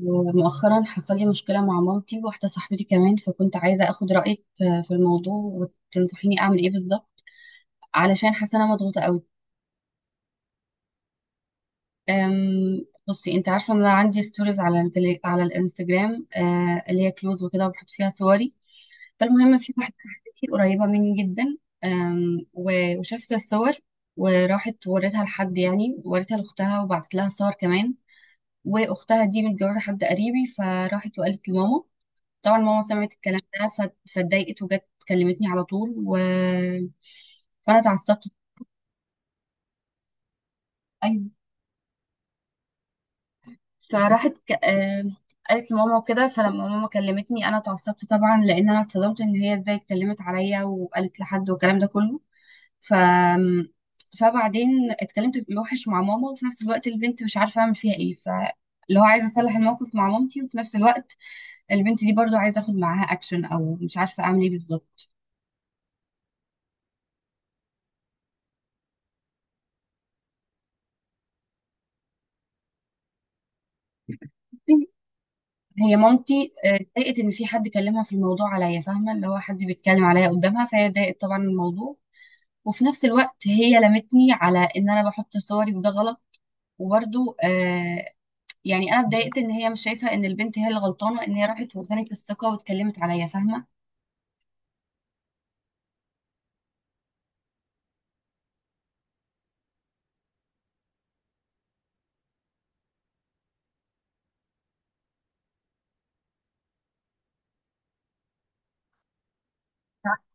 ومؤخرا حصل لي مشكلة مع مامتي وواحدة صاحبتي كمان، فكنت عايزة أخد رأيك في الموضوع وتنصحيني أعمل إيه بالظبط، علشان حاسة أنا مضغوطة قوي. بصي، أنت عارفة إن أنا عندي ستوريز على على الانستجرام، اللي هي كلوز وكده، وبحط فيها صوري. فالمهم، في واحدة صاحبتي قريبة مني جدا. وشافت الصور، وراحت وريتها لحد، يعني وريتها لأختها وبعتت لها صور كمان. وأختها دي متجوزة حد قريبي، فراحت وقالت لماما. طبعا ماما سمعت الكلام ده فاتضايقت وجت كلمتني على طول فانا اتعصبت. ايوه. فراحت ك... آه، قالت لماما وكده. فلما ماما كلمتني انا اتعصبت طبعا، لان انا اتصدمت ان هي ازاي اتكلمت عليا وقالت لحد والكلام ده كله. ف فبعدين اتكلمت وحش مع ماما، وفي نفس الوقت البنت مش عارفه اعمل فيها ايه. اللي هو عايزه اصلح الموقف مع مامتي، وفي نفس الوقت البنت دي برضو عايزه اخد معاها اكشن، او مش عارفه اعمل ايه بالظبط. هي مامتي، اتضايقت ان في حد كلمها في الموضوع عليا، فاهمه؟ اللي هو حد بيتكلم عليا قدامها، فهي اتضايقت طبعا من الموضوع. وفي نفس الوقت هي لمتني على ان انا بحط صوري وده غلط. وبرده. يعني انا اتضايقت ان هي مش شايفه ان البنت هي اللي غلطانه، ان هي راحت واداني الثقه واتكلمت عليا، فاهمه؟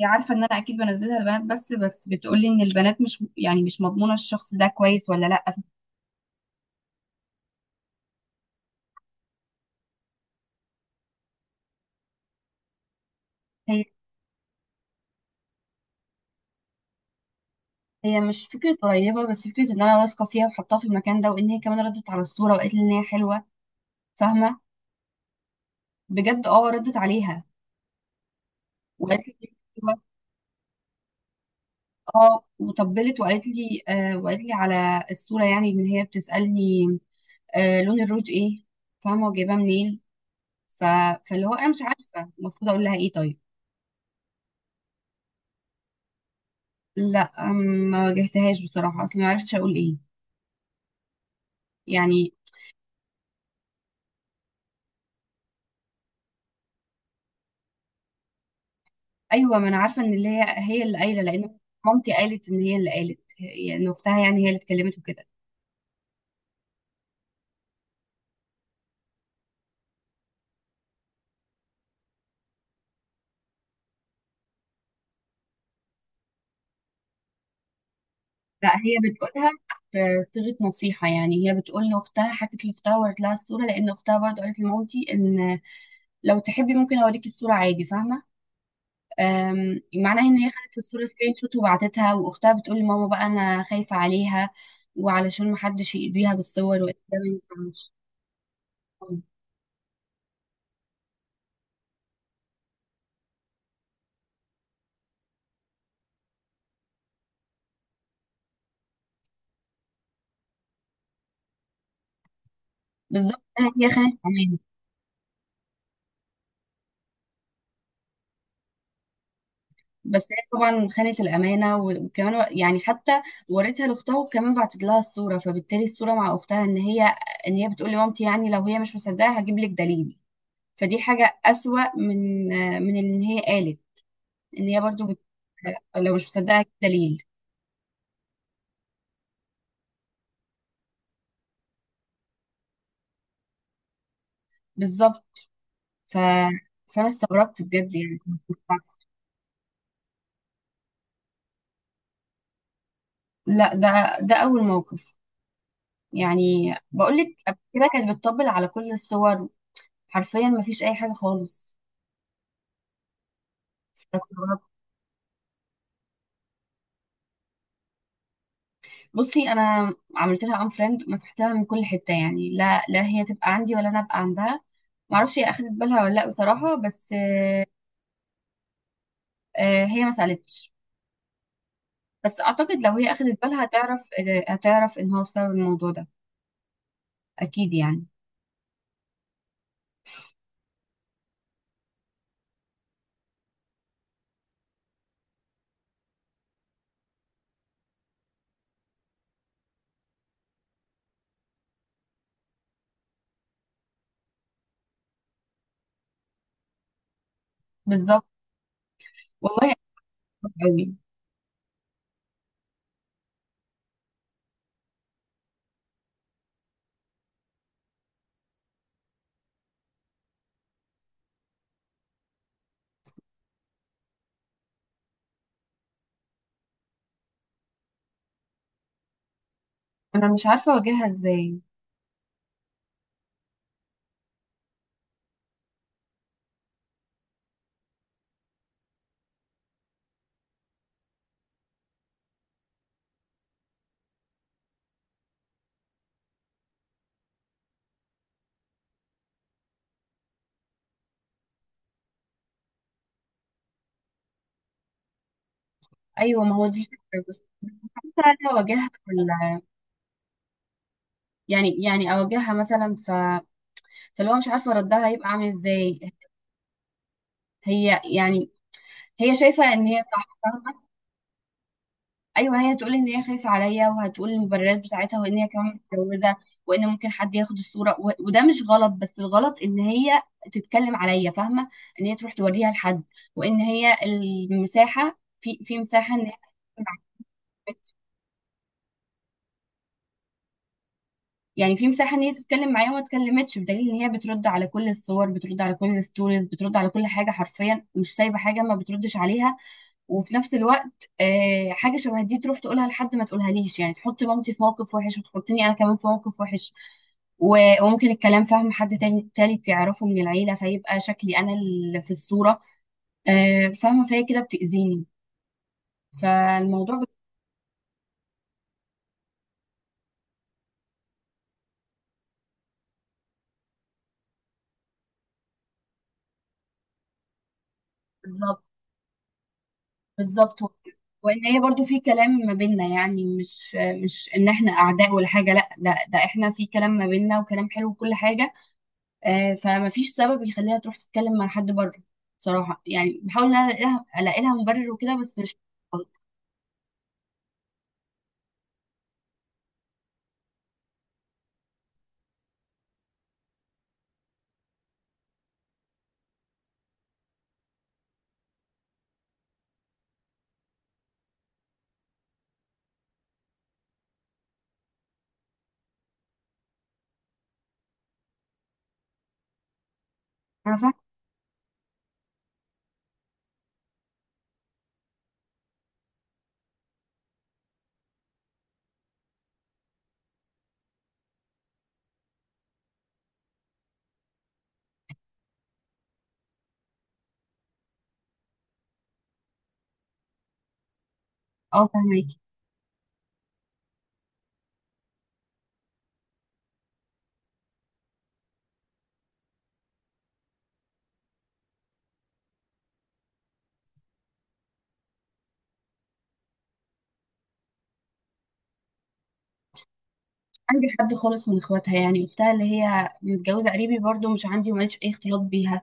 هي عارفه ان انا اكيد بنزلها البنات، بس بتقول لي ان البنات مش، يعني مش مضمونه الشخص ده كويس ولا لا. هي هي مش فكره قريبه، بس فكره ان انا واثقه فيها وحطاها في المكان ده، وان هي كمان ردت على الصوره وقالت لي ان هي حلوه. فاهمه؟ بجد، اه ردت عليها. وقالت لي، اه وطبلت. وقالت لي آه، وقالت لي على الصوره، يعني ان هي بتسالني آه لون الروج ايه، فاهمه؟ وجايباه منين. ف... فاللي هو انا مش عارفه المفروض اقول لها ايه طيب. لا، ما واجهتهاش بصراحه، اصلا ما عرفتش اقول ايه، يعني. ايوه، ما انا عارفه ان اللي هي اللي قايله، لان مامتي قالت ان هي اللي قالت، يعني إن اختها، يعني هي اللي اتكلمت وكده. لا، هي بتقولها صيغة نصيحة، يعني هي بتقول لأختها، حكت لأختها ورت لها الصورة، لأن أختها برضه قالت لمامتي إن لو تحبي ممكن أوريكي الصورة عادي، فاهمة؟ معناها إن هي خدت الصورة سكرين شوت وبعتتها، وأختها بتقول لماما بقى أنا خايفة عليها، وعلشان محدش يأذيها بالصور، وإن ده ما ينفعش. بالظبط، هي خانت أمان. بس هي طبعا خانت الامانه، وكمان يعني حتى وريتها لاختها، وكمان بعتت لها الصوره. فبالتالي الصوره مع اختها، ان هي بتقول لمامتي، يعني لو هي مش مصدقه هجيب لك دليل. فدي حاجه اسوأ من، من ان هي قالت، ان هي برضو لو مش مصدقه هجيب دليل. بالظبط. ف... فانا استغربت بجد يعني. لا، ده اول موقف. يعني بقول لك، قبل كده كانت بتطبل على كل الصور، حرفيا ما فيش اي حاجه خالص. بصي، انا عملت لها ان فريند، مسحتها من كل حته، يعني لا هي تبقى عندي ولا انا ابقى عندها. ما اعرفش هي اخدت بالها ولا لا بصراحه، بس هي ما سالتش. بس اعتقد لو هي اخدت بالها هتعرف، هتعرف ان هو بسبب الموضوع ده، اكيد يعني. بالظبط، والله، قوي. انا مش عارفه اواجهها ازاي. ايوه، ما هو دي الفكره. بس حتى اواجهها ولا، يعني، يعني اواجهها مثلا. فلو مش عارفه ردها هيبقى عامل ازاي. هي يعني هي شايفه ان هي صح. ايوه، هي تقول ان هي خايفه عليا، وهتقول المبررات بتاعتها، وان هي كمان متجوزه، وان ممكن حد ياخد الصوره وده مش غلط، بس الغلط ان هي تتكلم عليا، فاهمه؟ ان هي تروح توريها لحد، وان هي المساحه، في مساحه ان هي تتكلم معايا. يعني في مساحه ان هي تتكلم معايا وما اتكلمتش، بدليل ان هي بترد على كل الصور، بترد على كل الستوريز، بترد على كل حاجه، حرفيا مش سايبه حاجه ما بتردش عليها. وفي نفس الوقت، حاجه شبه دي تروح تقولها لحد ما تقولهاليش، يعني تحط مامتي في موقف وحش وتحطني انا كمان في موقف وحش. وممكن الكلام فاهم حد تاني تالت يعرفه من العيله، فيبقى شكلي انا اللي في الصوره، فاهمه؟ فهي كده بتاذيني. فالموضوع بت- بالظبط. بالظبط و- وان هي برضو في كلام ما بيننا، يعني مش، مش ان احنا اعداء ولا حاجه، لا، ده احنا في كلام ما بيننا وكلام حلو وكل حاجه. فمفيش سبب يخليها تروح تتكلم مع حد بره، بصراحة. يعني بحاول ان انا الاقي لها، ألاقي لها مبرر وكده، بس مش عارفة. اه، فاهماكي. عندي حد خالص من اخواتها، يعني اختها اللي هي متجوزة قريبي برضو مش عندي وماليش اي اختلاط بيها.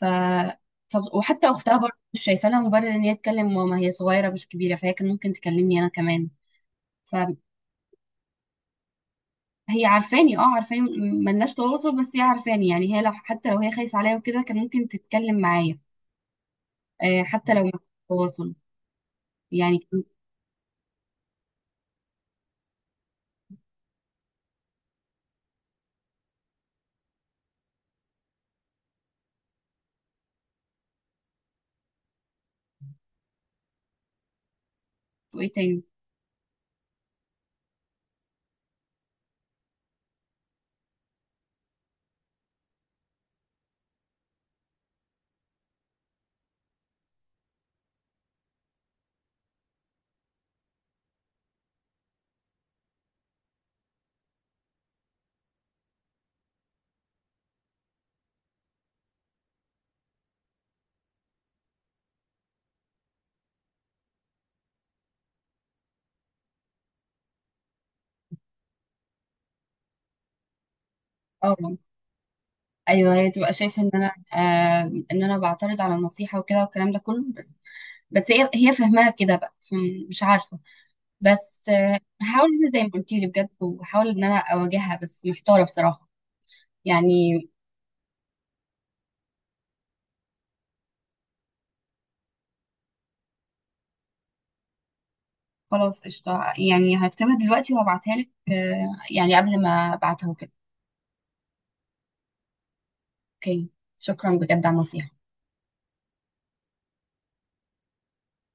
ف... وحتى اختها برضو مش شايفة لها مبرر ان هي تكلم ماما، هي صغيرة مش كبيرة، فهي كان ممكن تكلمني انا كمان. فهي عارفاني، اه عارفاني، ملناش تواصل، بس هي عارفاني، يعني هي لو، حتى لو هي خايفة عليا وكده، كان ممكن تتكلم معايا، حتى لو ما فيش تواصل، يعني وايه تاني. اه، ايوه هي تبقى شايفه ان انا، آه، ان انا بعترض على النصيحه وكده والكلام ده كله. بس، بس هي فاهماها كده بقى، مش عارفه. بس آه، هحاول ان أنا زي ما قلت لي بجد، وهحاول ان انا اواجهها، بس محتاره بصراحه، يعني. خلاص، قشطه، يعني هكتبها دلوقتي وهبعتها لك، آه يعني قبل ما ابعتها وكده. اوكي، شكرا بجد على النصيحه.